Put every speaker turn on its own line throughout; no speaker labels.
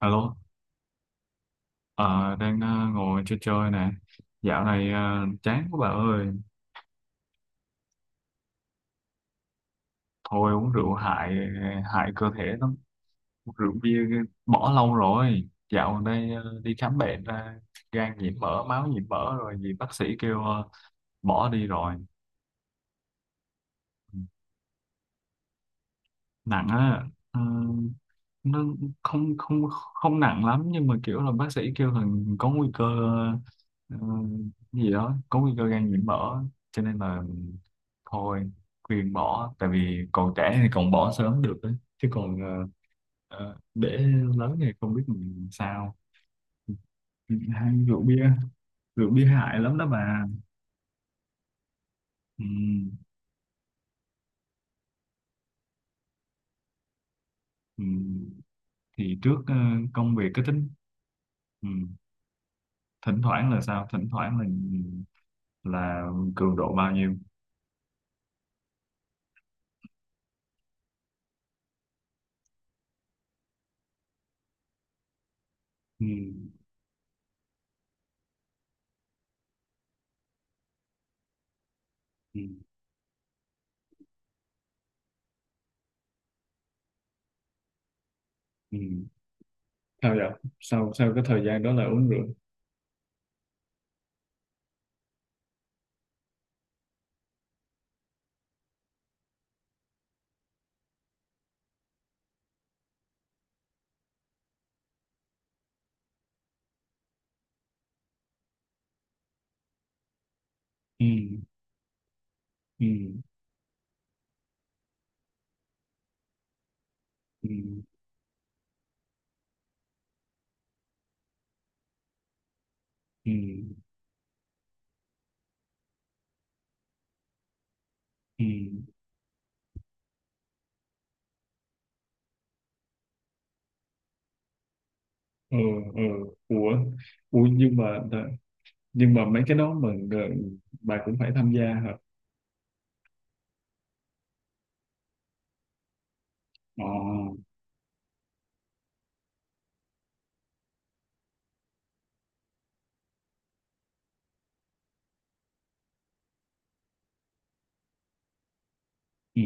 Alo, ờ, đang ờ, ngồi chơi chơi nè. Dạo này chán quá bà ơi. Thôi uống rượu hại hại cơ thể lắm. Uống rượu bia cái- bỏ lâu rồi. Dạo gần đây đi khám bệnh ra gan nhiễm mỡ, máu nhiễm mỡ rồi vì bác sĩ kêu bỏ đi rồi. Nặng á, ờ, nó không không không nặng lắm, nhưng mà kiểu là bác sĩ kêu là có nguy cơ, ờ, gì đó, có nguy cơ gan nhiễm mỡ, cho nên là thôi khuyên bỏ, tại vì còn trẻ thì còn bỏ sớm được ấy. Chứ còn để lớn thì không biết mình sao. Hai rượu bia, rượu bia hại lắm đó bà. Ừ, ừ. Thì trước công việc cái tính. Ừ. Thỉnh thoảng là sao, thỉnh thoảng là cường độ bao nhiêu? Ừ, ừ, ừ. Sao vậy? Sau sau cái thời gian đó là uống rượu? Ừ, ừ, ừ, ừ, ừ. Ừ, ừ. Ủa, ủa nhưng mà, nhưng mà mấy cái đó mà bà cũng phải tham gia hả? Ờ. Ừ,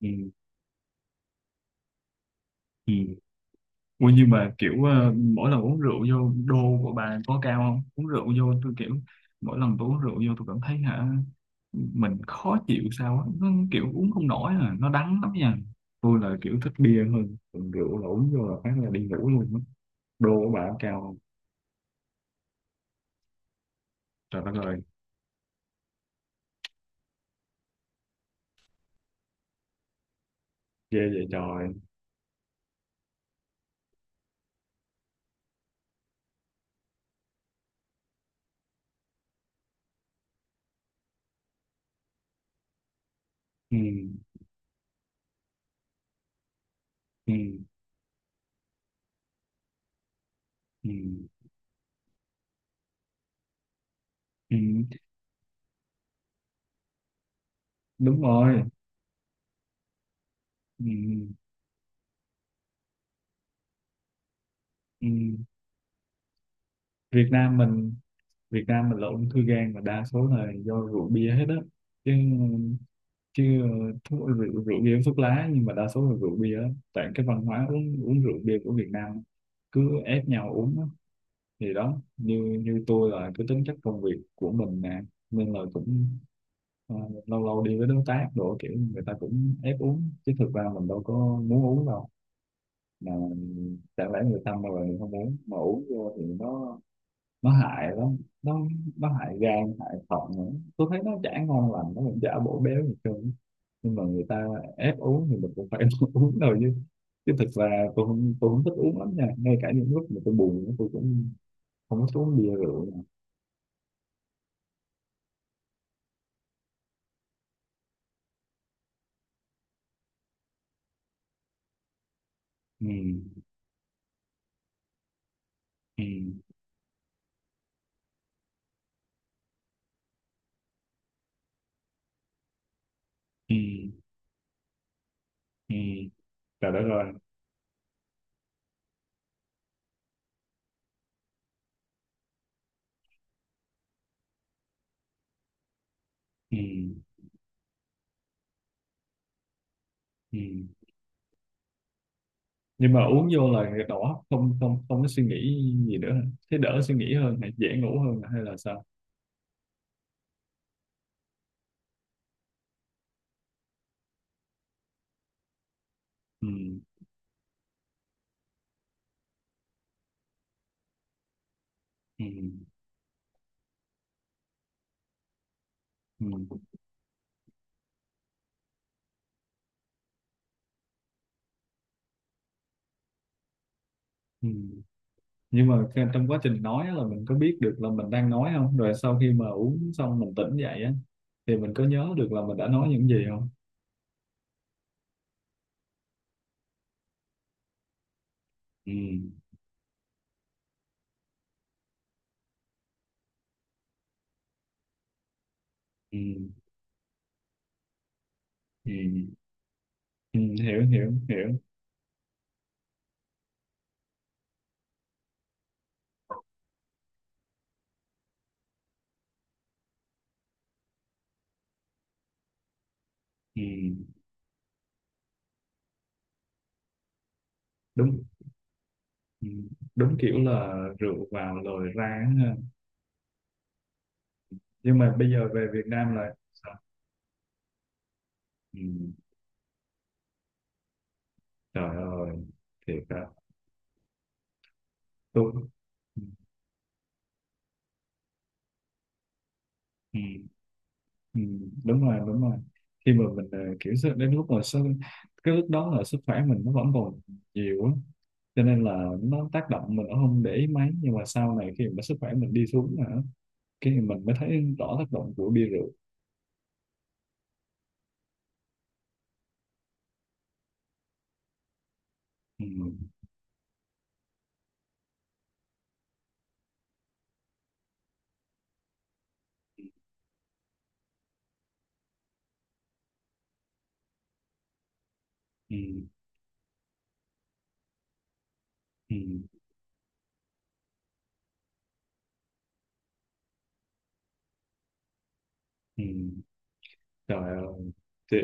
ừ, ừ. Ủa nhưng mà kiểu mỗi lần uống rượu vô đô của bà có cao không? Uống rượu vô tôi kiểu, mỗi lần tôi uống rượu vô tôi cảm thấy hả, mình khó chịu sao á, nó kiểu uống không nổi à, nó đắng lắm nha. Tôi là kiểu thích bia hơn, còn rượu là uống vô là phát là đi ngủ luôn á. Đô của bà cao. Trời đất ơi. Ghê vậy trời. Ừ, ừ, ừ, ừ. Đúng rồi. Ừ, ừ. Việt Nam mình, Việt Nam mình là ung thư gan mà đa số là do rượu bia hết á. Chứ chứ thuốc, rượu, rượu bia với thuốc lá, nhưng mà đa số là rượu bia á. Tại cái văn hóa uống uống rượu bia của Việt Nam cứ ép nhau uống á. Thì đó, như như tôi là cái tính chất công việc của mình nè, nên là cũng ờ, lâu lâu đi với đối tác đồ, kiểu người ta cũng ép uống, chứ thực ra mình đâu có muốn uống đâu. Mà chẳng lẽ người ta mà mình không uống, mà uống vô thì nó hại lắm, nó hại gan hại thận nữa. Tôi thấy nó chả ngon lành, nó cũng chả bổ béo gì hết trơn, nhưng mà người ta ép uống thì mình cũng phải uống thôi. Chứ chứ thực ra tôi không thích uống lắm nha, ngay cả những lúc mà tôi buồn tôi cũng không có thích uống bia rượu. Ừ. Ừ. Ừ. Ừ. Trời đất ơi. Ừ. Ừ. Nhưng mà uống vô là đỏ, không không không có suy nghĩ gì nữa hả? Thế đỡ suy nghĩ hơn hay dễ ngủ hơn hay là sao? Ừ. Ừ. Ừ. Ừ. Nhưng mà cái- trong quá trình nói á là mình có biết được là mình đang nói không, rồi sau khi mà uống xong mình tỉnh dậy á thì mình có nhớ được là mình đã nói những gì không? Ừ. Ừ. ừ, ừ. Hiểu hiểu hiểu. Ừ. Đúng. Ừ, đúng, kiểu là rượu vào rồi ra á ha. Nhưng mà bây giờ về Việt Nam là. Sao? Ừ. Trời ơi, thiệt á. Tôi. Ừ, ừ, ừ, đúng rồi, đúng rồi. Khi mà mình kiểu sức- đến lúc mà sức, cái lúc đó là sức khỏe mình nó vẫn còn nhiều á, cho nên là nó tác động mình cũng không để ý mấy, nhưng mà sau này khi mà sức khỏe mình đi xuống hả, cái mình mới thấy rõ tác động của bia rượu. Ừ, ừ, ừ, ừ. Trời ơi, thì,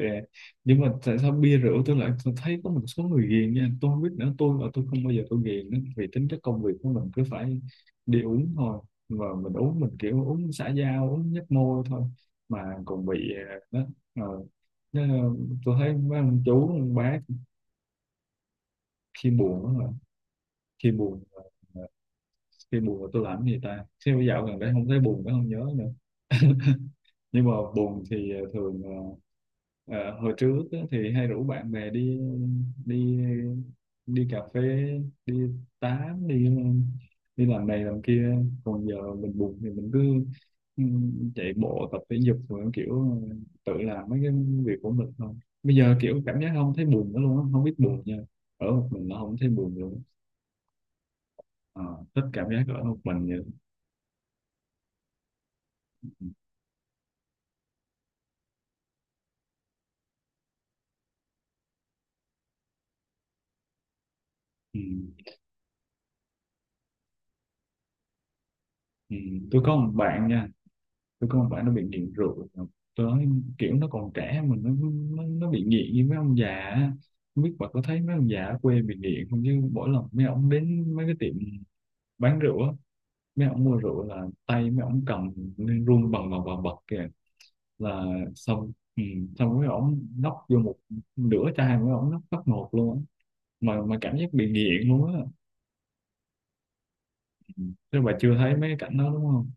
nhưng mà tại sao bia rượu, tôi lại tôi thấy có một số người ghiền nha, tôi không biết nữa, tôi không bao giờ tôi ghiền nữa, vì tính chất công việc của mình cứ phải đi uống thôi, mà mình uống mình kiểu uống xã giao, uống nhấp môi thôi, mà còn bị đó, Ờ, nó- tôi thấy mấy ông chú, ông bác. Khi buồn đó mà, khi buồn khi buồn là tôi làm cái gì ta, khi bây dạo gần đây không thấy buồn nữa, không nhớ nữa. Nhưng mà buồn thì thường ờ, hồi trước á, thì hay rủ bạn bè đi, đi đi cà phê, đi tám, đi đi làm này làm kia. Còn giờ mình buồn thì mình cứ ừ, chạy bộ tập thể dục, rồi kiểu tự làm mấy cái việc của mình thôi. Bây giờ kiểu cảm giác không thấy buồn nữa luôn á, không biết buồn nha, ở một mình nó không thấy buồn luôn. Ờ, thích cảm giác ở một mình vậy. Ừ. Ừ. Ừ. Tôi có một bạn nha, tôi không phải, nó bị nghiện rượu tới, kiểu nó còn trẻ mà nó bị nghiện như mấy ông già á. Không biết bà có thấy mấy ông già ở quê bị nghiện không, chứ mỗi lần mấy ông đến mấy cái tiệm bán rượu á, mấy ông mua rượu là tay mấy ông cầm nên run bần bần bần bật kìa, là xong. Ừ, xong mấy ông nốc vô một nửa chai, mấy ông nốc phát một luôn á, mà cảm giác bị nghiện luôn á. Ừ. Chứ bà chưa thấy mấy cái cảnh đó đúng không?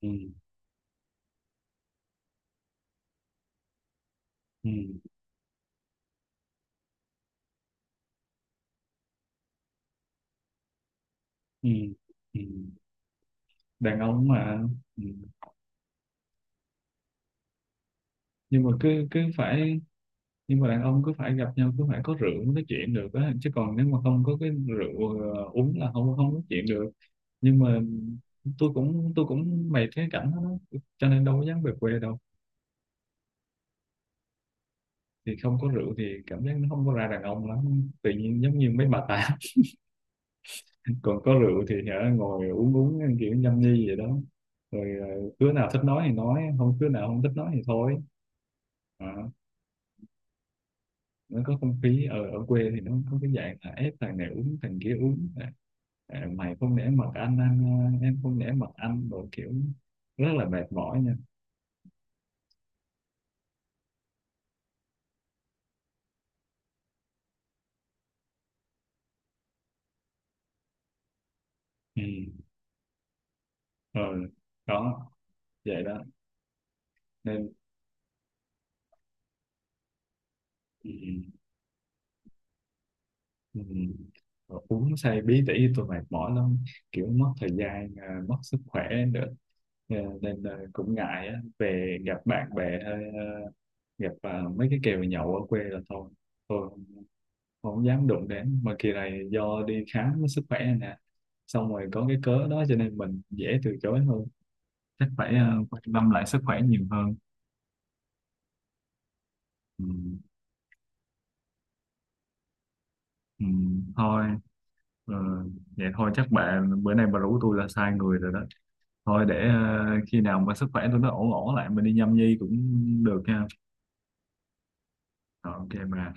Ừ. Ừ. Ừ. Ừ. Ừ. Đàn ông mà. Ừ. Nhưng mà cứ cứ phải, nhưng mà đàn ông cứ phải gặp nhau cứ phải có rượu mới nói chuyện được á, chứ còn nếu mà không có cái rượu uống là không không nói chuyện được. Nhưng mà tôi cũng mệt cái cảnh đó đó, cho nên đâu có dám về quê đâu. Thì không có rượu thì cảm giác nó không có ra đàn ông lắm, tự nhiên giống như mấy bà tám còn có rượu thì hả, ngồi uống uống kiểu nhâm nhi vậy đó, rồi đứa nào thích nói thì nói, không đứa nào không thích nói thì thôi. À, nó có không khí. Ở ở quê thì nó có cái dạng là ép thằng này uống thằng kia uống, à, à, mày không nể mặt anh, à, em không nể mặt anh đồ, kiểu rất là mệt mỏi nha. Ừ. Ờ, đó, vậy đó, nên. Ừ. Ừ. Ờ, uống say bí tỉ tôi mệt mỏi lắm, kiểu mất thời gian, à, mất sức khỏe nữa. Ờ, nên à, cũng ngại á. Về gặp bạn bè hay à, gặp à, mấy cái kèo nhậu ở quê là thôi. Tôi không dám đụng đến. Mà kỳ này do đi khám với sức khỏe này nè, xong rồi có cái cớ đó cho nên mình dễ từ chối hơn, chắc phải quan tâm lại sức khỏe nhiều hơn. Ừ, ừ, thôi, ờ, vậy thôi, chắc bạn bữa nay bà rủ tôi là sai người rồi đó. Thôi để khi nào mà sức khỏe tôi nó ổn ổn lại mình đi nhâm nhi cũng được ha. Rồi, ok bà.